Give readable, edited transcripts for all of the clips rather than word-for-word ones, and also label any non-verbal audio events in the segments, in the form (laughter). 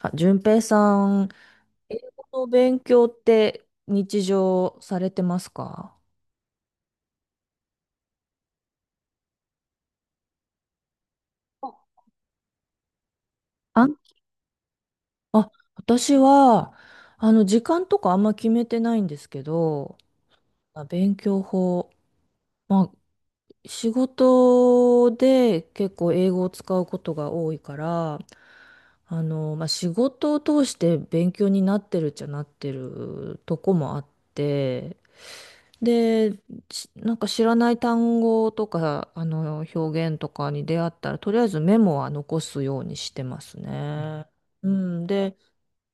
あ、淳平さん、英語の勉強って日常されてますか？あ、あ、私は、時間とかあんま決めてないんですけど、まあ勉強法、まあ、仕事で結構英語を使うことが多いから、まあ、仕事を通して勉強になってるっちゃなってるとこもあって、で、なんか知らない単語とか、表現とかに出会ったら、とりあえずメモは残すようにしてますね。うん。で、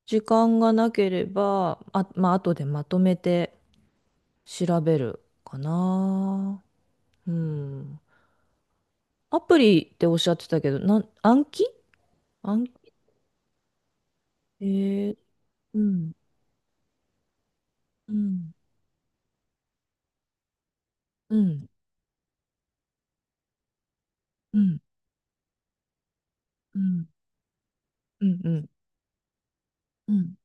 時間がなければ、まあ、後でまとめて調べるかな。うん。アプリっておっしゃってたけど、暗記、えー、うん、うん、うん、うん、うん、うん、うん。うん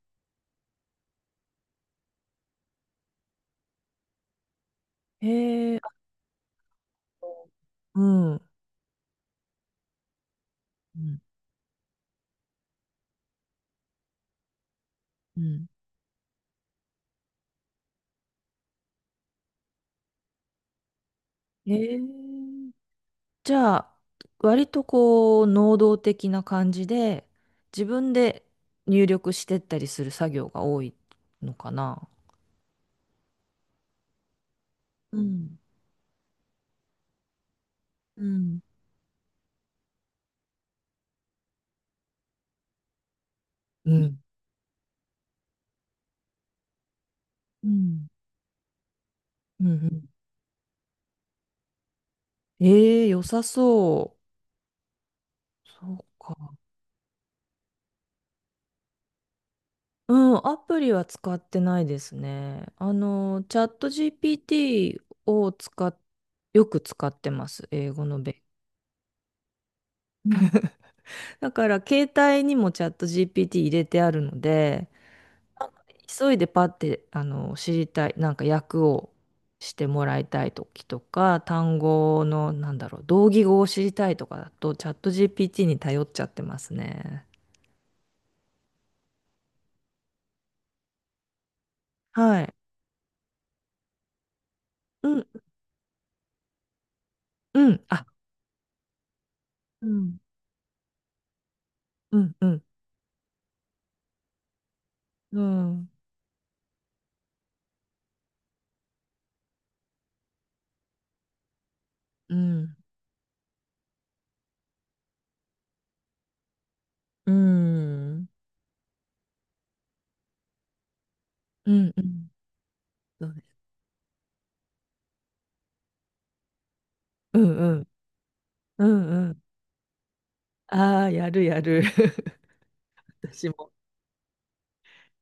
へえ、あうん、うん、うん。へえ。じゃあ、割とこう、能動的な感じで、自分で入力してったりする作業が多いのかな。うん、うん、うん。うん。うんうん。ええ良さそう。そうか。うん、アプリは使ってないですね。チャット GPT をよく使ってます。英語の勉強。 (laughs) だから、携帯にもチャット GPT 入れてあるので、急いでパッて知りたいなんか訳をしてもらいたい時とか単語のなんだろう同義語を知りたいとかだとチャット GPT に頼っちゃってますね。はい。うんうんあうんうんうんうんうんうんうんうんそうですうんうんうんうんああーやるやる (laughs) 私も。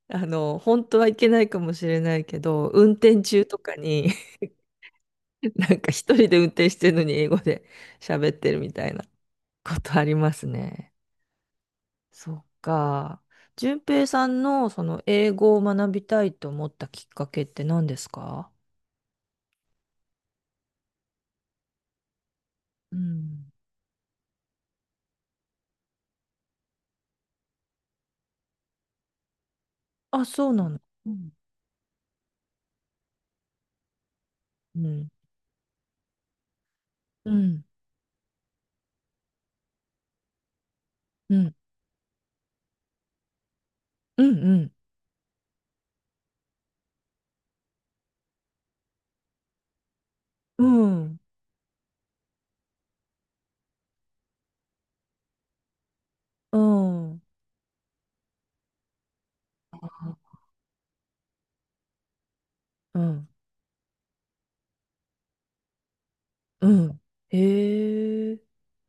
本当はいけないかもしれないけど運転中とかに (laughs) なんか一人で運転してるのに英語で喋ってるみたいなことありますね。そっか。淳平さんのその英語を学びたいと思ったきっかけって何ですか？うん。あ、そうなの。うん。うん。うん。うん。うん。うん。うん。うん。うん。うんへえ。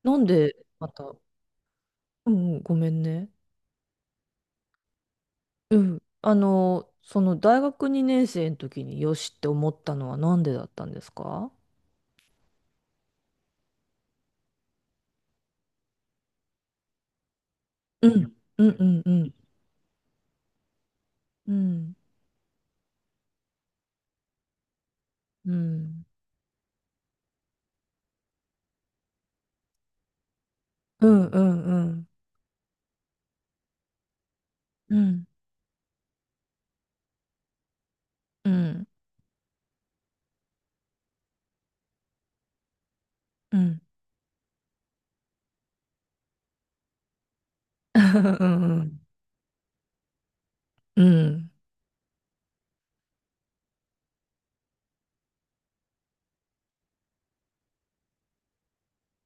なんで、また。うんうん。ごめんね。うん。その大学2年生の時によしって思ったのはなんでだったんですか？うん。うんうんうん。うん。うん。うんうんうん。うん。うん。うんうん。うん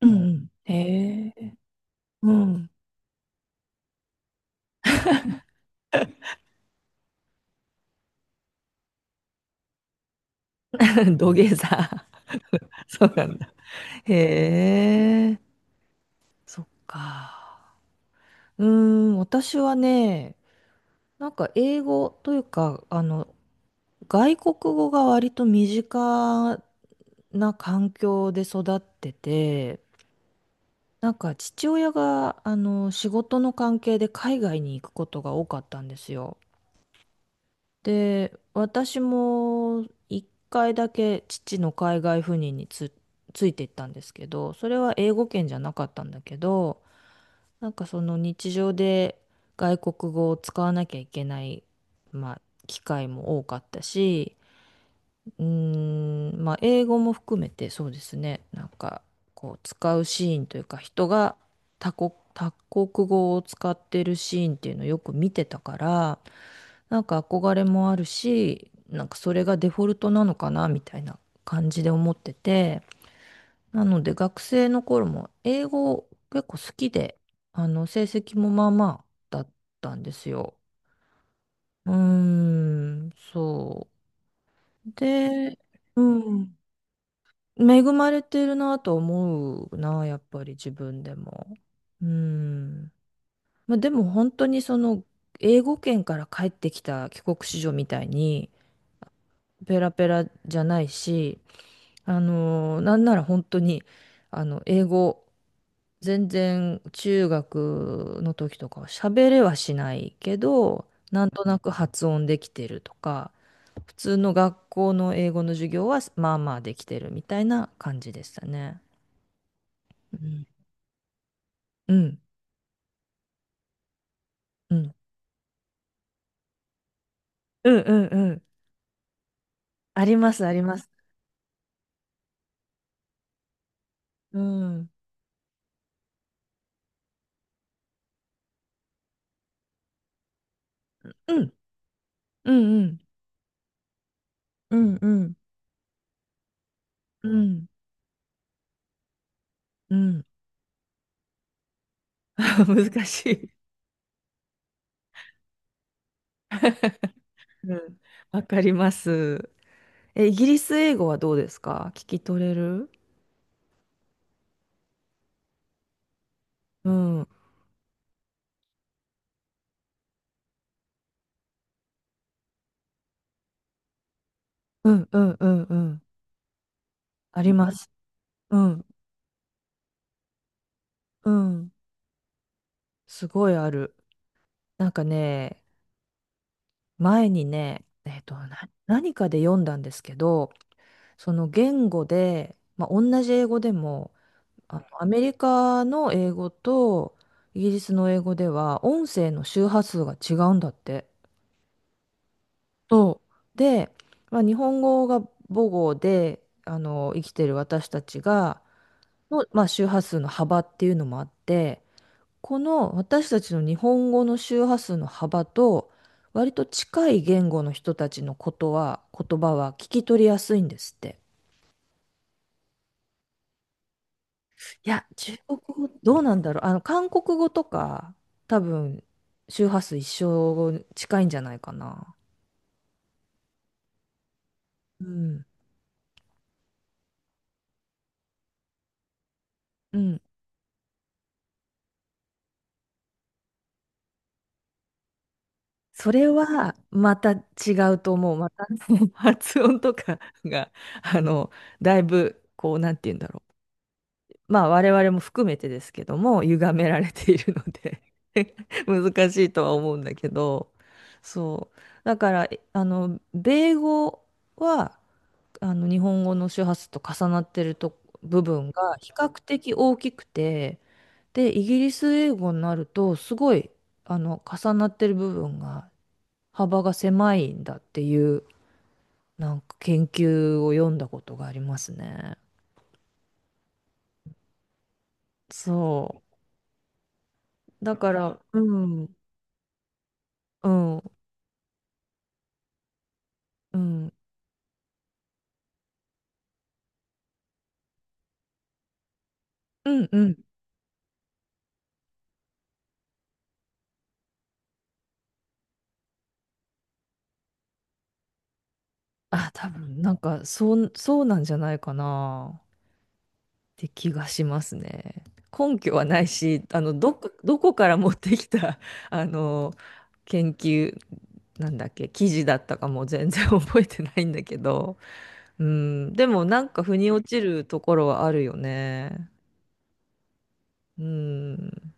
うんへえ。うん。(laughs) 土下座。(laughs) そうなんだ。へえ。そっか。うーん。私はね、なんか英語というか、外国語が割と身近な環境で育ってて、なんか父親があの仕事の関係で海外に行くことが多かったんですよ。で、私も1回だけ父の海外赴任について行ったんですけど、それは英語圏じゃなかったんだけど、なんかその日常で外国語を使わなきゃいけない、まあ、機会も多かったし、うーん、まあ、英語も含めてそうですね。なんか、こう、使うシーンというか、人が他国語を使ってるシーンっていうのをよく見てたから、なんか憧れもあるし、なんかそれがデフォルトなのかな、みたいな感じで思ってて、なので学生の頃も英語結構好きで、成績もまあまあだったんですよ。うーん、そう。で、うん。恵まれてるなと思うな、やっぱり自分でも。うん。まあ、でも本当にその英語圏から帰ってきた帰国子女みたいにペラペラじゃないし、なんなら本当に英語全然中学の時とかは喋れはしないけど、なんとなく発音できてるとか、普通の学校の英語の授業はまあまあできてるみたいな感じでしたね。うんうん、うん、うん、うん、うん。あります、あります。うん、うん、うん、うん、うん、うん。うん、うん。(laughs) 難しい。うん、わかります。え、イギリス英語はどうですか？聞き取れる？うん、うん、うん、うん、うん。あります。うん、うん。すごいある。なんかね、前にね、何かで読んだんですけど、その言語で、まあ、同じ英語でも、アメリカの英語とイギリスの英語では音声の周波数が違うんだって。そう。で、まあ、日本語が母語で生きてる私たちがの、まあ、周波数の幅っていうのもあってこの私たちの日本語の周波数の幅と割と近い言語の人たちのことは言葉は聞き取りやすいんですって。いや、中国語どうなんだろう。韓国語とか、多分、周波数一緒近いんじゃないかな。うん。うん。それは、また違うと思う。また、(laughs) 発音とかが、あの、だいぶ、こう、なんて言うんだろう。まあ、我々も含めてですけども、歪められているので (laughs) 難しいとは思うんだけど、そう。だから、えあの、米語は、あの日本語の周波数と重なってると部分が比較的大きくて、で、イギリス英語になるとすごい重なってる部分が幅が狭いんだっていうなんか研究を読んだことがありますね。そう。だから、うん、うん、うん、うん、うん。あ、多分なんかそうなんじゃないかな。て気がしますね。根拠はないし、どこから持ってきた、(laughs) あの、研究、なんだっけ、記事だったかも全然 (laughs) 覚えてないんだけど、うん、でもなんか腑に落ちるところはあるよね。うん。